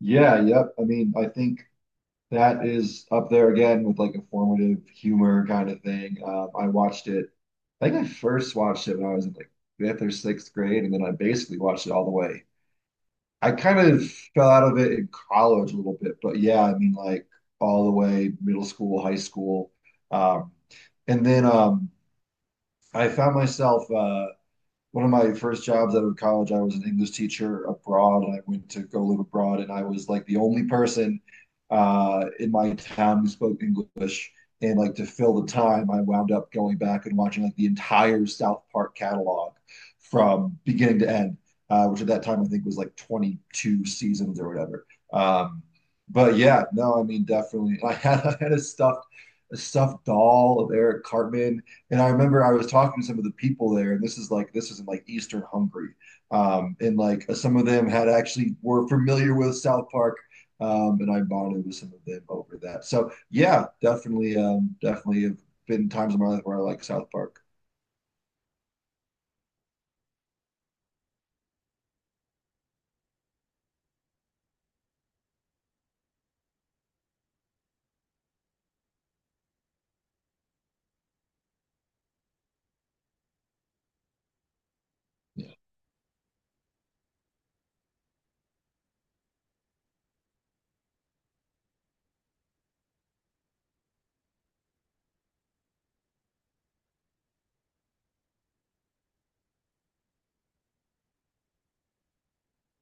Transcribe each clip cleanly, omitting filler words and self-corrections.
Yeah, yep. I mean, I think that is up there again with like a formative humor kind of thing. I watched it, I think I first watched it when I was in like fifth or sixth grade, and then I basically watched it all the way. I kind of fell out of it in college a little bit, but yeah, I mean, like all the way middle school, high school. Um, and then I found myself, one of my first jobs out of college, I was an English teacher abroad, and I went to go live abroad, and I was like the only person in my town who spoke English. And like to fill the time, I wound up going back and watching like the entire South Park catalog from beginning to end, which at that time I think was like 22 seasons or whatever. Um, but yeah, no, I mean definitely. I had a stuffed doll of Eric Cartman, and I remember I was talking to some of the people there, and this is in like Eastern Hungary, and some of them had actually were familiar with South Park, and I bonded with some of them over that. So yeah, definitely, definitely have been times in my life where I like South Park. Yeah,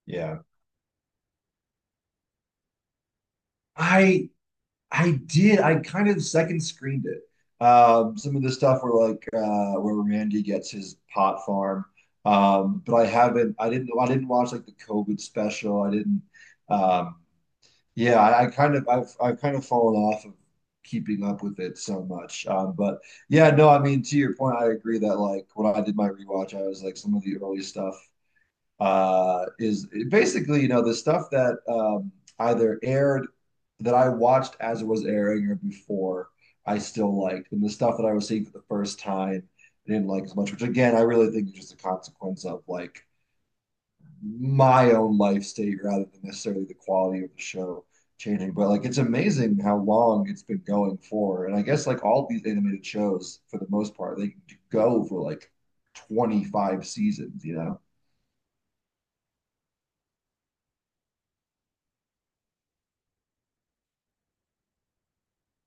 yeah. I I did. I kind of second screened it. Some of the stuff where Randy gets his pot farm, but I haven't. I didn't. I didn't watch like the COVID special. I didn't. Um, Yeah, I've kind of fallen off of keeping up with it so much. But yeah, no, I mean to your point, I agree that like when I did my rewatch, I was like some of the early stuff is basically, you know, the stuff that either aired that I watched as it was airing or before I still liked, and the stuff that I was seeing for the first time I didn't like as much, which again I really think is just a consequence of like my own life state rather than necessarily the quality of the show changing. But like it's amazing how long it's been going for. And I guess like all these animated shows, for the most part, they go for like 25 seasons, you know?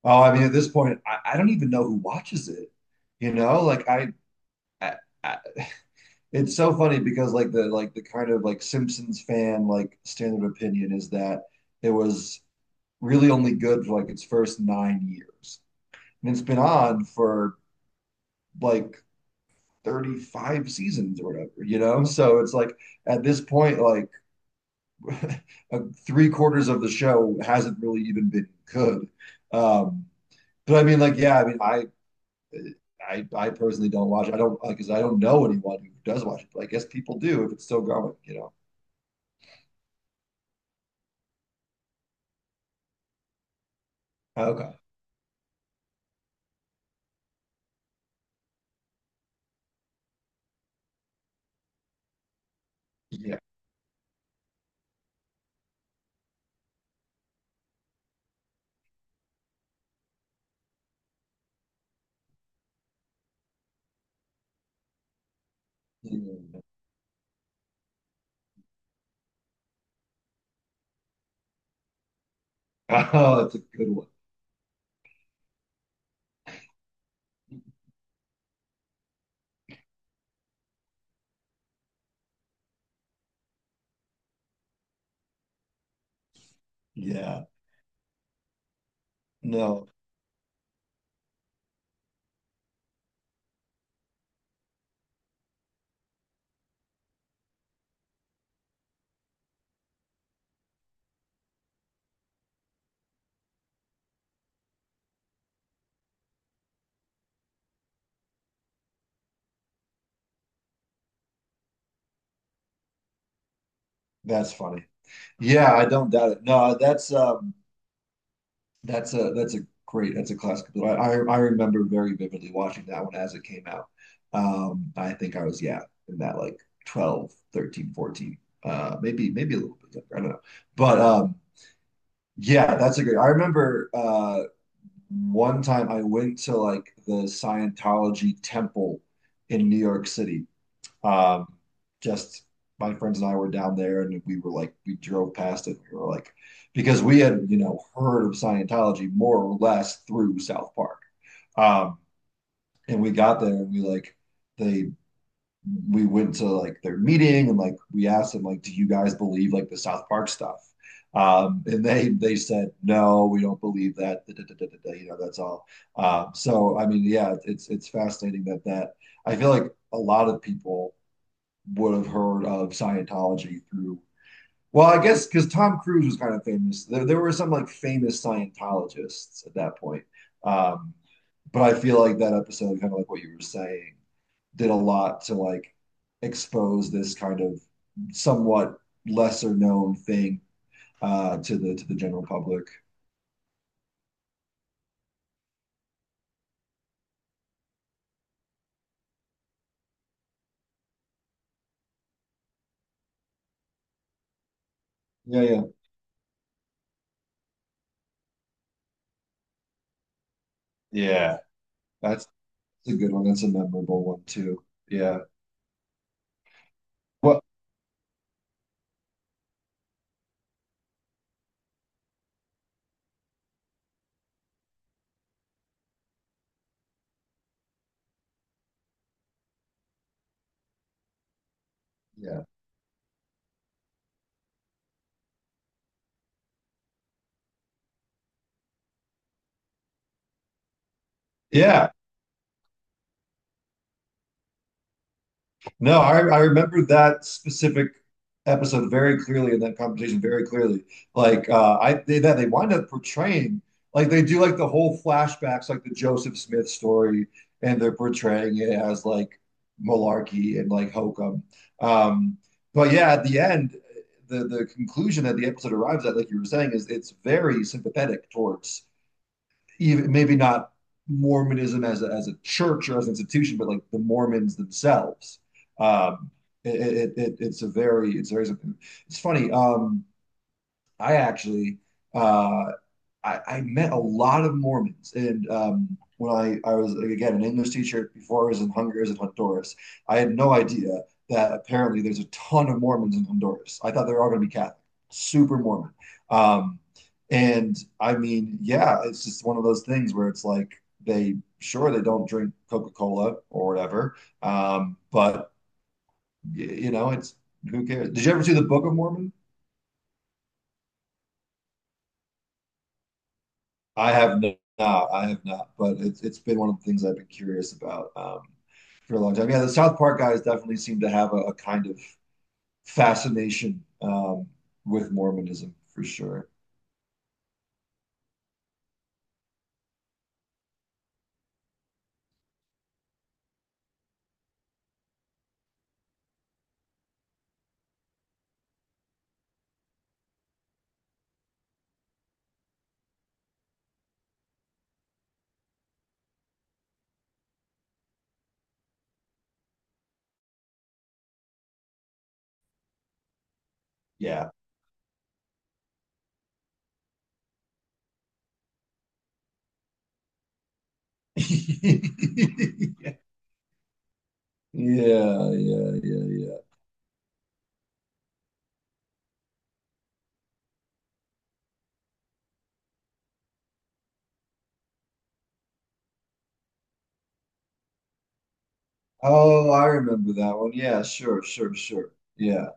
Oh, I mean, at this point, I don't even know who watches it. You know, like I, I, it's so funny because like the kind of like Simpsons fan like standard opinion is that it was really only good for like its first 9 years, and it's been on for like 35 seasons or whatever, you know? So it's like at this point, like three-quarters of the show hasn't really even been good. Um, but I mean, like, yeah, I mean, I personally don't watch. It. I don't like, cause I don't know anyone who does watch it. But I guess people do if it's still going, you know. Okay. Yeah. Yeah. Oh, that's a good one. Yeah. No, that's funny. Yeah, I don't doubt it. No, that's a great that's a classic. I remember very vividly watching that one as it came out. I think I was yeah in that like 12, 13, 14, maybe a little bit younger. I don't know, but yeah, that's a great. I remember one time I went to like the Scientology temple in New York City, um, just my friends and I were down there and we were like, we drove past it. We were like, because we had, you know, heard of Scientology more or less through South Park. Um, and we got there and we like, they, we went to like their meeting and like we asked them like, do you guys believe like the South Park stuff? And they said no, we don't believe that, da, da, da, da, da, da. You know, that's all. So I mean, yeah, it's fascinating that I feel like a lot of people would have heard of Scientology through, well, I guess because Tom Cruise was kind of famous. There were some like famous Scientologists at that point. Um, but I feel like that episode, kind of like what you were saying, did a lot to like expose this kind of somewhat lesser known thing to the general public. Yeah, yeah, yeah. That's a good one. That's a memorable one too. Yeah. Well, yeah, yeah. No, I remember that specific episode very clearly and that conversation very clearly. Like that they wind up portraying like they do like the whole flashbacks, like the Joseph Smith story, and they're portraying it as like malarkey and like hokum. Um, but yeah, at the end, the conclusion that the episode arrives at, like you were saying, is it's very sympathetic towards even maybe not Mormonism as a church or as an institution, but like the Mormons themselves. Um, it's a very, it's funny. I actually, uh, I met a lot of Mormons. And when I was, like, again, an English teacher before I was in Honduras and Honduras, I had no idea that apparently there's a ton of Mormons in Honduras. I thought they were all going to be Catholic, super Mormon. Um, and I mean, yeah, it's just one of those things where it's like they, sure, they don't drink Coca-Cola or whatever, but you know, it's, who cares? Did you ever see the Book of Mormon? I have no, not. I have not, but it's been one of the things I've been curious about for a long time. Yeah, the South Park guys definitely seem to have a kind of fascination with Mormonism for sure. Yeah. Yeah, yeah, yeah, yeah, yeah. Oh, I remember that one. Yeah, sure, sure, sure. Yeah,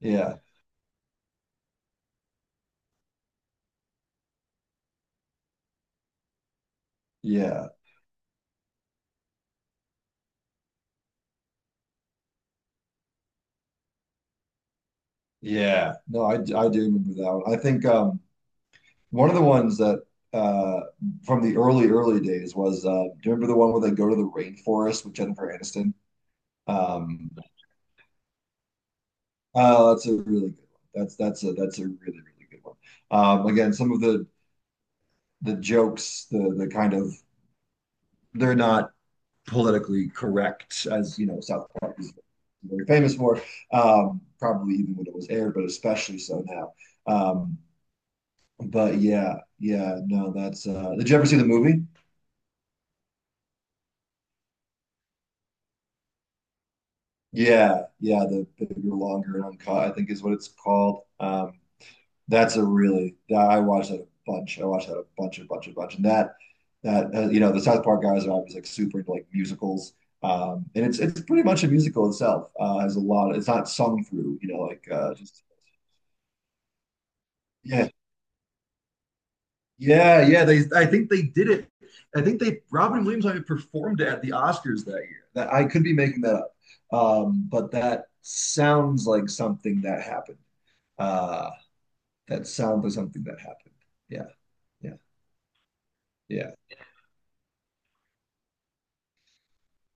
yeah, yeah, yeah. No, I do remember that one. I think One of the ones that uh, from the early early days was do you remember the one where they go to the rainforest with Jennifer Aniston? Um, oh, that's a really good one. That's a that's a really really good one. Again, some of the jokes, the kind of they're not politically correct as you know South Park is very famous for, probably even when it was aired, but especially so now. Um, but yeah, yeah, no, that's, did you ever see the movie? Yeah, yeah, the bigger, longer, and uncut, I think is what it's called. That's a really that I watched that a bunch. I watched that a bunch, a bunch, a bunch, and that you know the South Park guys are obviously like super into like musicals, and it's pretty much a musical itself. Has a lot. It's not sung through, you know, just yeah. Yeah, yeah. They, I think they did it. I think they Robin Williams I mean, performed at the Oscars that year. That I could be making that up, but that sounds like something that happened. Uh, that sounds like something that happened. Yeah, yeah, yeah.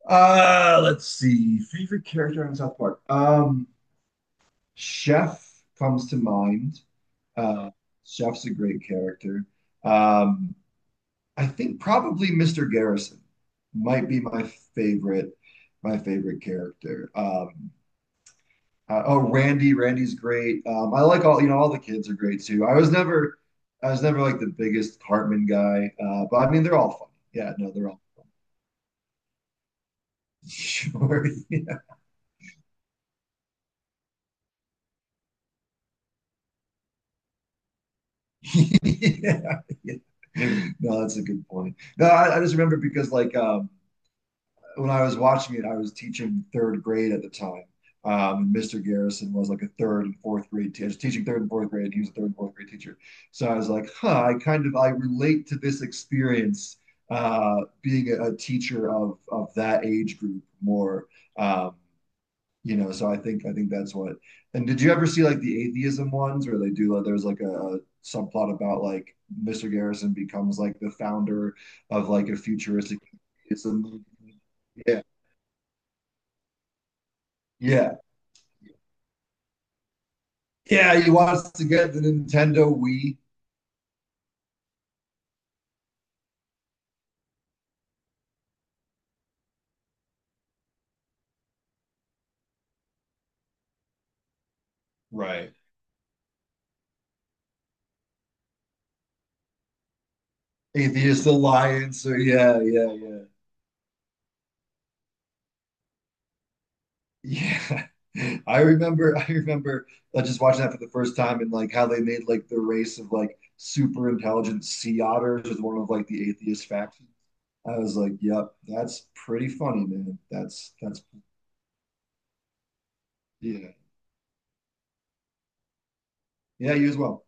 Let's see. Favorite character on South Park. Chef comes to mind. Uh, Chef's a great character. Um, I think probably Mr. Garrison might be favorite, my favorite character. Oh, Randy, Randy's great. I like all, you know, all the kids are great too. I was never like the biggest Cartman guy, but I mean, they're all funny. Yeah, no, they're all funny. Sure. Yeah. Yeah. Yeah. No, that's a good point. No, I just remember because like when I was watching it, I was teaching third grade at the time. Mr. Garrison was like a third and fourth grade teacher, teaching third and fourth grade, and he was a third and fourth grade teacher. So I was like, huh, I kind of I relate to this experience uh, being a teacher of that age group more. Um, you know, so I think that's what. And did you ever see like the atheism ones where they do like there's like a subplot about like Mr. Garrison becomes like the founder of like a futuristic atheism movement? Yeah. Yeah. Yeah, he wants to get the Nintendo Wii. Right. Atheist Alliance. So yeah, yeah, yeah. Yeah. I remember just watching that for the first time and like how they made like the race of like super intelligent sea otters as one of like the atheist factions. I was like, yep, that's pretty funny, man. That's yeah. Yeah, you as well.